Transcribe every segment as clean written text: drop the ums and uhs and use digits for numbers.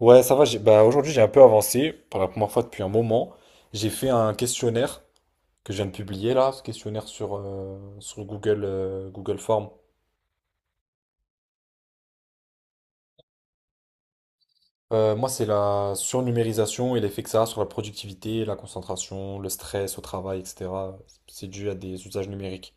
Ouais, ça va. Bah, aujourd'hui, j'ai un peu avancé pour la première fois depuis un moment. J'ai fait un questionnaire que je viens de publier là, ce questionnaire sur Google Form. Moi, c'est la surnumérisation et l'effet que ça a sur la productivité, la concentration, le stress au travail, etc. C'est dû à des usages numériques.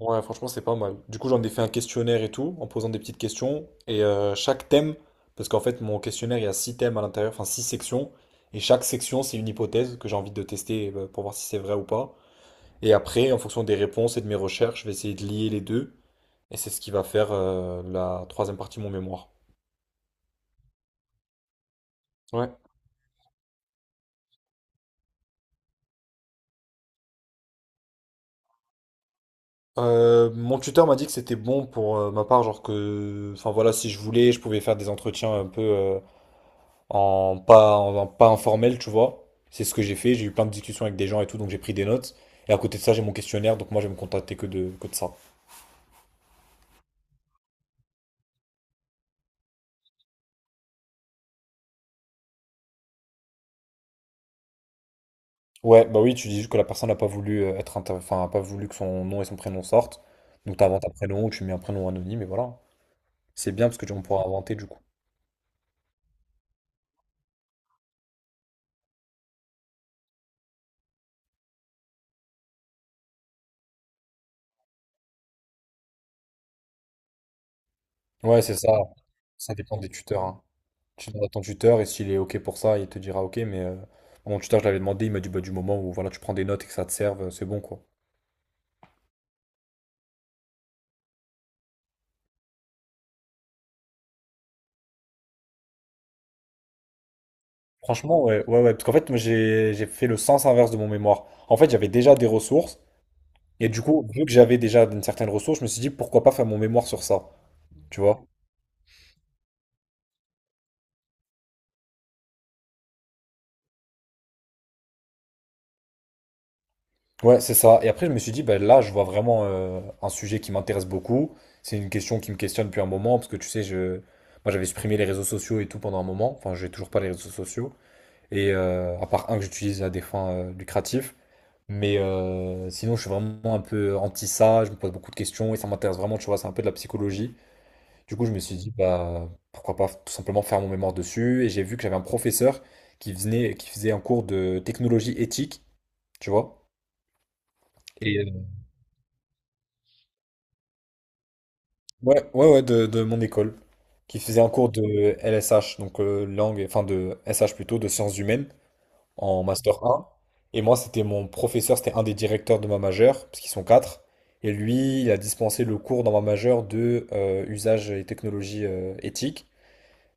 Ouais, franchement, c'est pas mal. Du coup, j'en ai fait un questionnaire et tout, en posant des petites questions. Et chaque thème, parce qu'en fait, mon questionnaire, il y a six thèmes à l'intérieur, enfin six sections. Et chaque section, c'est une hypothèse que j'ai envie de tester pour voir si c'est vrai ou pas. Et après, en fonction des réponses et de mes recherches, je vais essayer de lier les deux. Et c'est ce qui va faire la troisième partie de mon mémoire. Ouais. Mon tuteur m'a dit que c'était bon pour ma part, genre que, enfin voilà, si je voulais, je pouvais faire des entretiens un peu en pas informel, tu vois. C'est ce que j'ai fait, j'ai eu plein de discussions avec des gens et tout, donc j'ai pris des notes. Et à côté de ça, j'ai mon questionnaire, donc moi je vais me contacter que de ça. Ouais, bah oui, tu dis juste que la personne n'a pas voulu enfin, a pas voulu que son nom et son prénom sortent. Donc t'inventes un prénom ou tu mets un prénom anonyme et voilà. C'est bien parce que on pourra inventer du coup. Ouais, c'est ça. Ça dépend des tuteurs, hein. Tu demandes à ton tuteur et s'il est OK pour ça, il te dira OK, mais mon tuteur, je l'avais demandé, il m'a dit bah, du moment où voilà, tu prends des notes et que ça te serve, c'est bon quoi. Franchement, ouais, ouais, ouais. Parce qu'en fait, moi, j'ai fait le sens inverse de mon mémoire. En fait, j'avais déjà des ressources. Et du coup, vu que j'avais déjà une certaine ressource, je me suis dit, pourquoi pas faire mon mémoire sur ça? Tu vois? Ouais, c'est ça. Et après, je me suis dit, bah, là, je vois vraiment un sujet qui m'intéresse beaucoup. C'est une question qui me questionne depuis un moment. Parce que tu sais, moi, j'avais supprimé les réseaux sociaux et tout pendant un moment. Enfin, j'ai toujours pas les réseaux sociaux. Et à part un que j'utilise à des fins lucratives. Mais sinon, je suis vraiment un peu anti ça. Je me pose beaucoup de questions et ça m'intéresse vraiment. Tu vois, c'est un peu de la psychologie. Du coup, je me suis dit, bah, pourquoi pas tout simplement faire mon mémoire dessus. Et j'ai vu que j'avais un professeur qui venait, qui faisait un cours de technologie éthique, tu vois. Et euh, ouais, ouais, ouais, de mon école, qui faisait un cours de LSH, donc langue, enfin de SH plutôt, de sciences humaines, en master 1. Et moi, c'était mon professeur, c'était un des directeurs de ma majeure, parce qu'ils sont quatre. Et lui, il a dispensé le cours dans ma majeure de usage et technologie éthiques.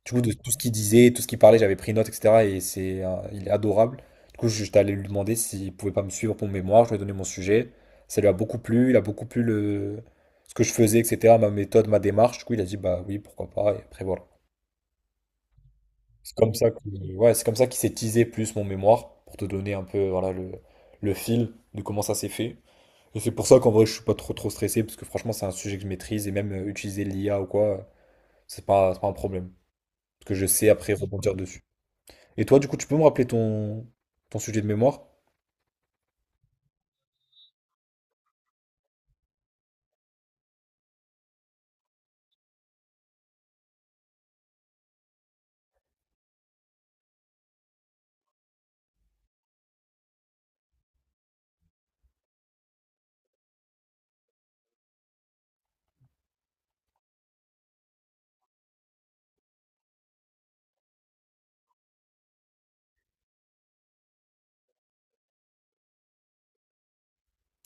Du coup, de tout ce qu'il disait, tout ce qu'il parlait, j'avais pris note, etc. Et il est adorable. Du coup, j'étais allé lui demander s'il pouvait pas me suivre pour mon mémoire. Je lui ai donné mon sujet. Ça lui a beaucoup plu. Il a beaucoup plu ce que je faisais, etc. Ma méthode, ma démarche. Du coup, il a dit, bah oui, pourquoi pas. Et après, voilà. C'est comme ça que, ouais, c'est comme ça qu'il s'est teasé plus mon mémoire pour te donner un peu, voilà, le fil de comment ça s'est fait. Et c'est pour ça qu'en vrai, je suis pas trop, trop stressé parce que franchement, c'est un sujet que je maîtrise et même utiliser l'IA ou quoi, c'est pas un problème. Parce que je sais après rebondir dessus. Et toi, du coup, tu peux me rappeler ton sujet de mémoire?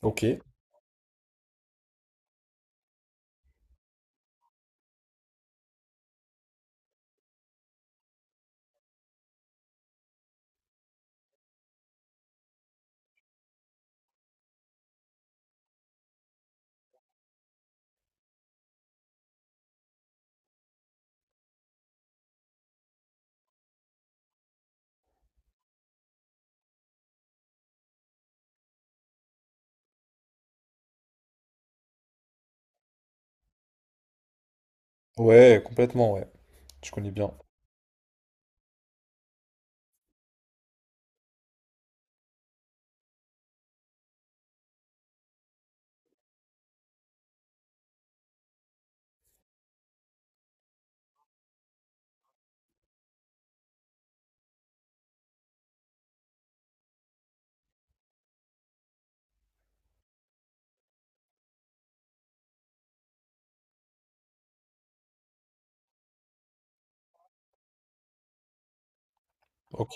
Ok. Ouais, complètement, ouais. Je connais bien. Ok.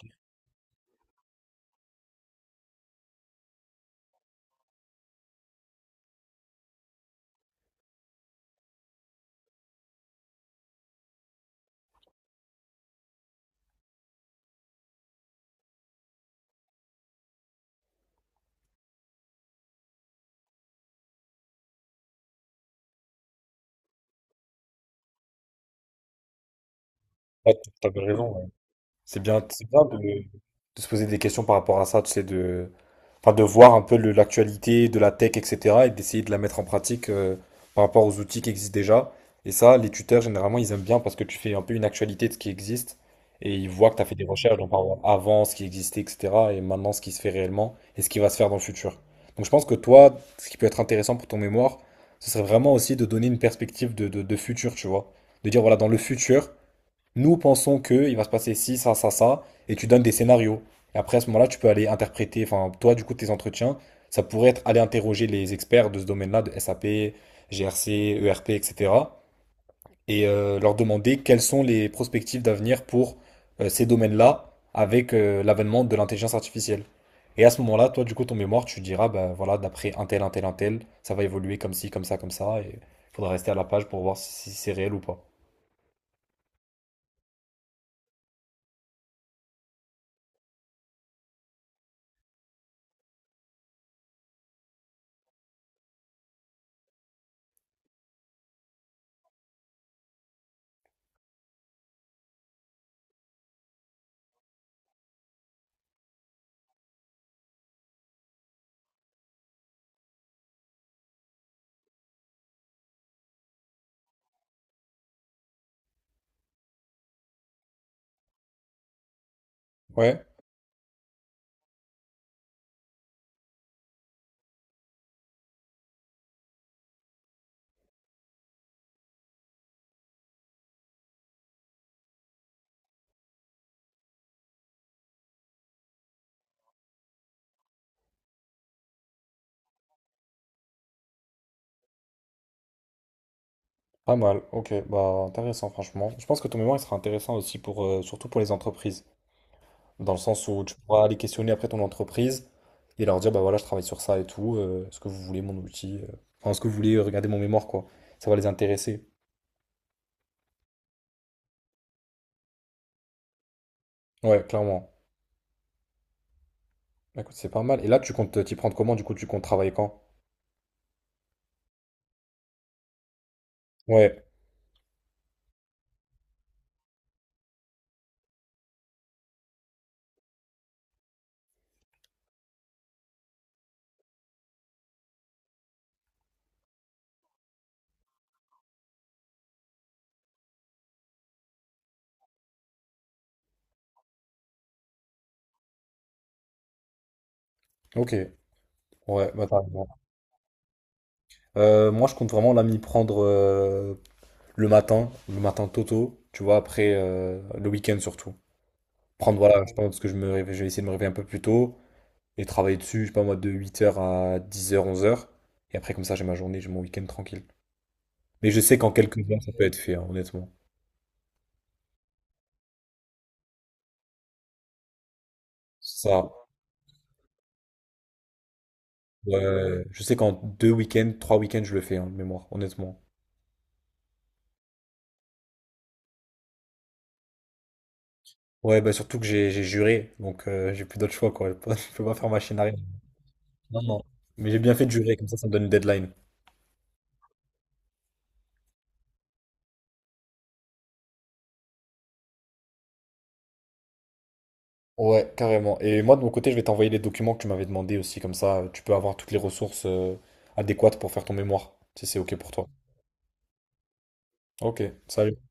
Ah, t'avais raison, ouais. C'est bien de se poser des questions par rapport à ça, tu sais, de, enfin, de voir un peu l'actualité de la tech, etc., et d'essayer de la mettre en pratique par rapport aux outils qui existent déjà. Et ça, les tuteurs, généralement, ils aiment bien parce que tu fais un peu une actualité de ce qui existe, et ils voient que tu as fait des recherches, donc par exemple, avant ce qui existait, etc., et maintenant ce qui se fait réellement, et ce qui va se faire dans le futur. Donc je pense que toi, ce qui peut être intéressant pour ton mémoire, ce serait vraiment aussi de donner une perspective de futur, tu vois. De dire, voilà, dans le futur, nous pensons que il va se passer ci, ça, et tu donnes des scénarios. Et après, à ce moment-là, tu peux aller interpréter, enfin, toi, du coup, tes entretiens, ça pourrait être aller interroger les experts de ce domaine-là, de SAP, GRC, ERP, etc., et cetera, et leur demander quelles sont les perspectives d'avenir pour ces domaines-là avec l'avènement de l'intelligence artificielle. Et à ce moment-là, toi, du coup, ton mémoire, tu diras, bah voilà, d'après un tel, un tel, un tel, ça va évoluer comme ci, comme ça, et il faudra rester à la page pour voir si c'est réel ou pas. Ouais. Pas mal, ok, bah intéressant franchement. Je pense que ton mémoire il sera intéressant aussi pour surtout pour les entreprises, dans le sens où tu pourras aller questionner après ton entreprise et leur dire bah voilà je travaille sur ça et tout, est-ce que vous voulez mon outil, enfin est-ce que vous voulez regarder mon mémoire quoi. Ça va les intéresser. Ouais, clairement. Bah, écoute, c'est pas mal. Et là tu comptes t'y prendre comment, du coup tu comptes travailler quand? Ouais, ok. Ouais, bah t'as raison. Moi je compte vraiment là m'y prendre le matin tôt tôt, tu vois, après le week-end surtout. Prendre, voilà, je pense que je vais essayer de me réveiller un peu plus tôt et travailler dessus, je sais pas moi, de 8 heures à 10 heures 11 heures. Et après, comme ça, j'ai ma journée, j'ai mon week-end tranquille. Mais je sais qu'en quelques heures, ça peut être fait, hein, honnêtement. Ça, ouais, je sais qu'en 2 week-ends, 3 week-ends, je le fais, hein, de mémoire, honnêtement. Ouais, bah surtout que j'ai juré, donc j'ai plus d'autre choix, quoi. Je peux pas faire machine arrière. Non, non. Mais j'ai bien fait de jurer, comme ça me donne une deadline. Ouais, carrément. Et moi, de mon côté, je vais t'envoyer les documents que tu m'avais demandé aussi, comme ça, tu peux avoir toutes les ressources adéquates pour faire ton mémoire, si c'est OK pour toi. OK, salut.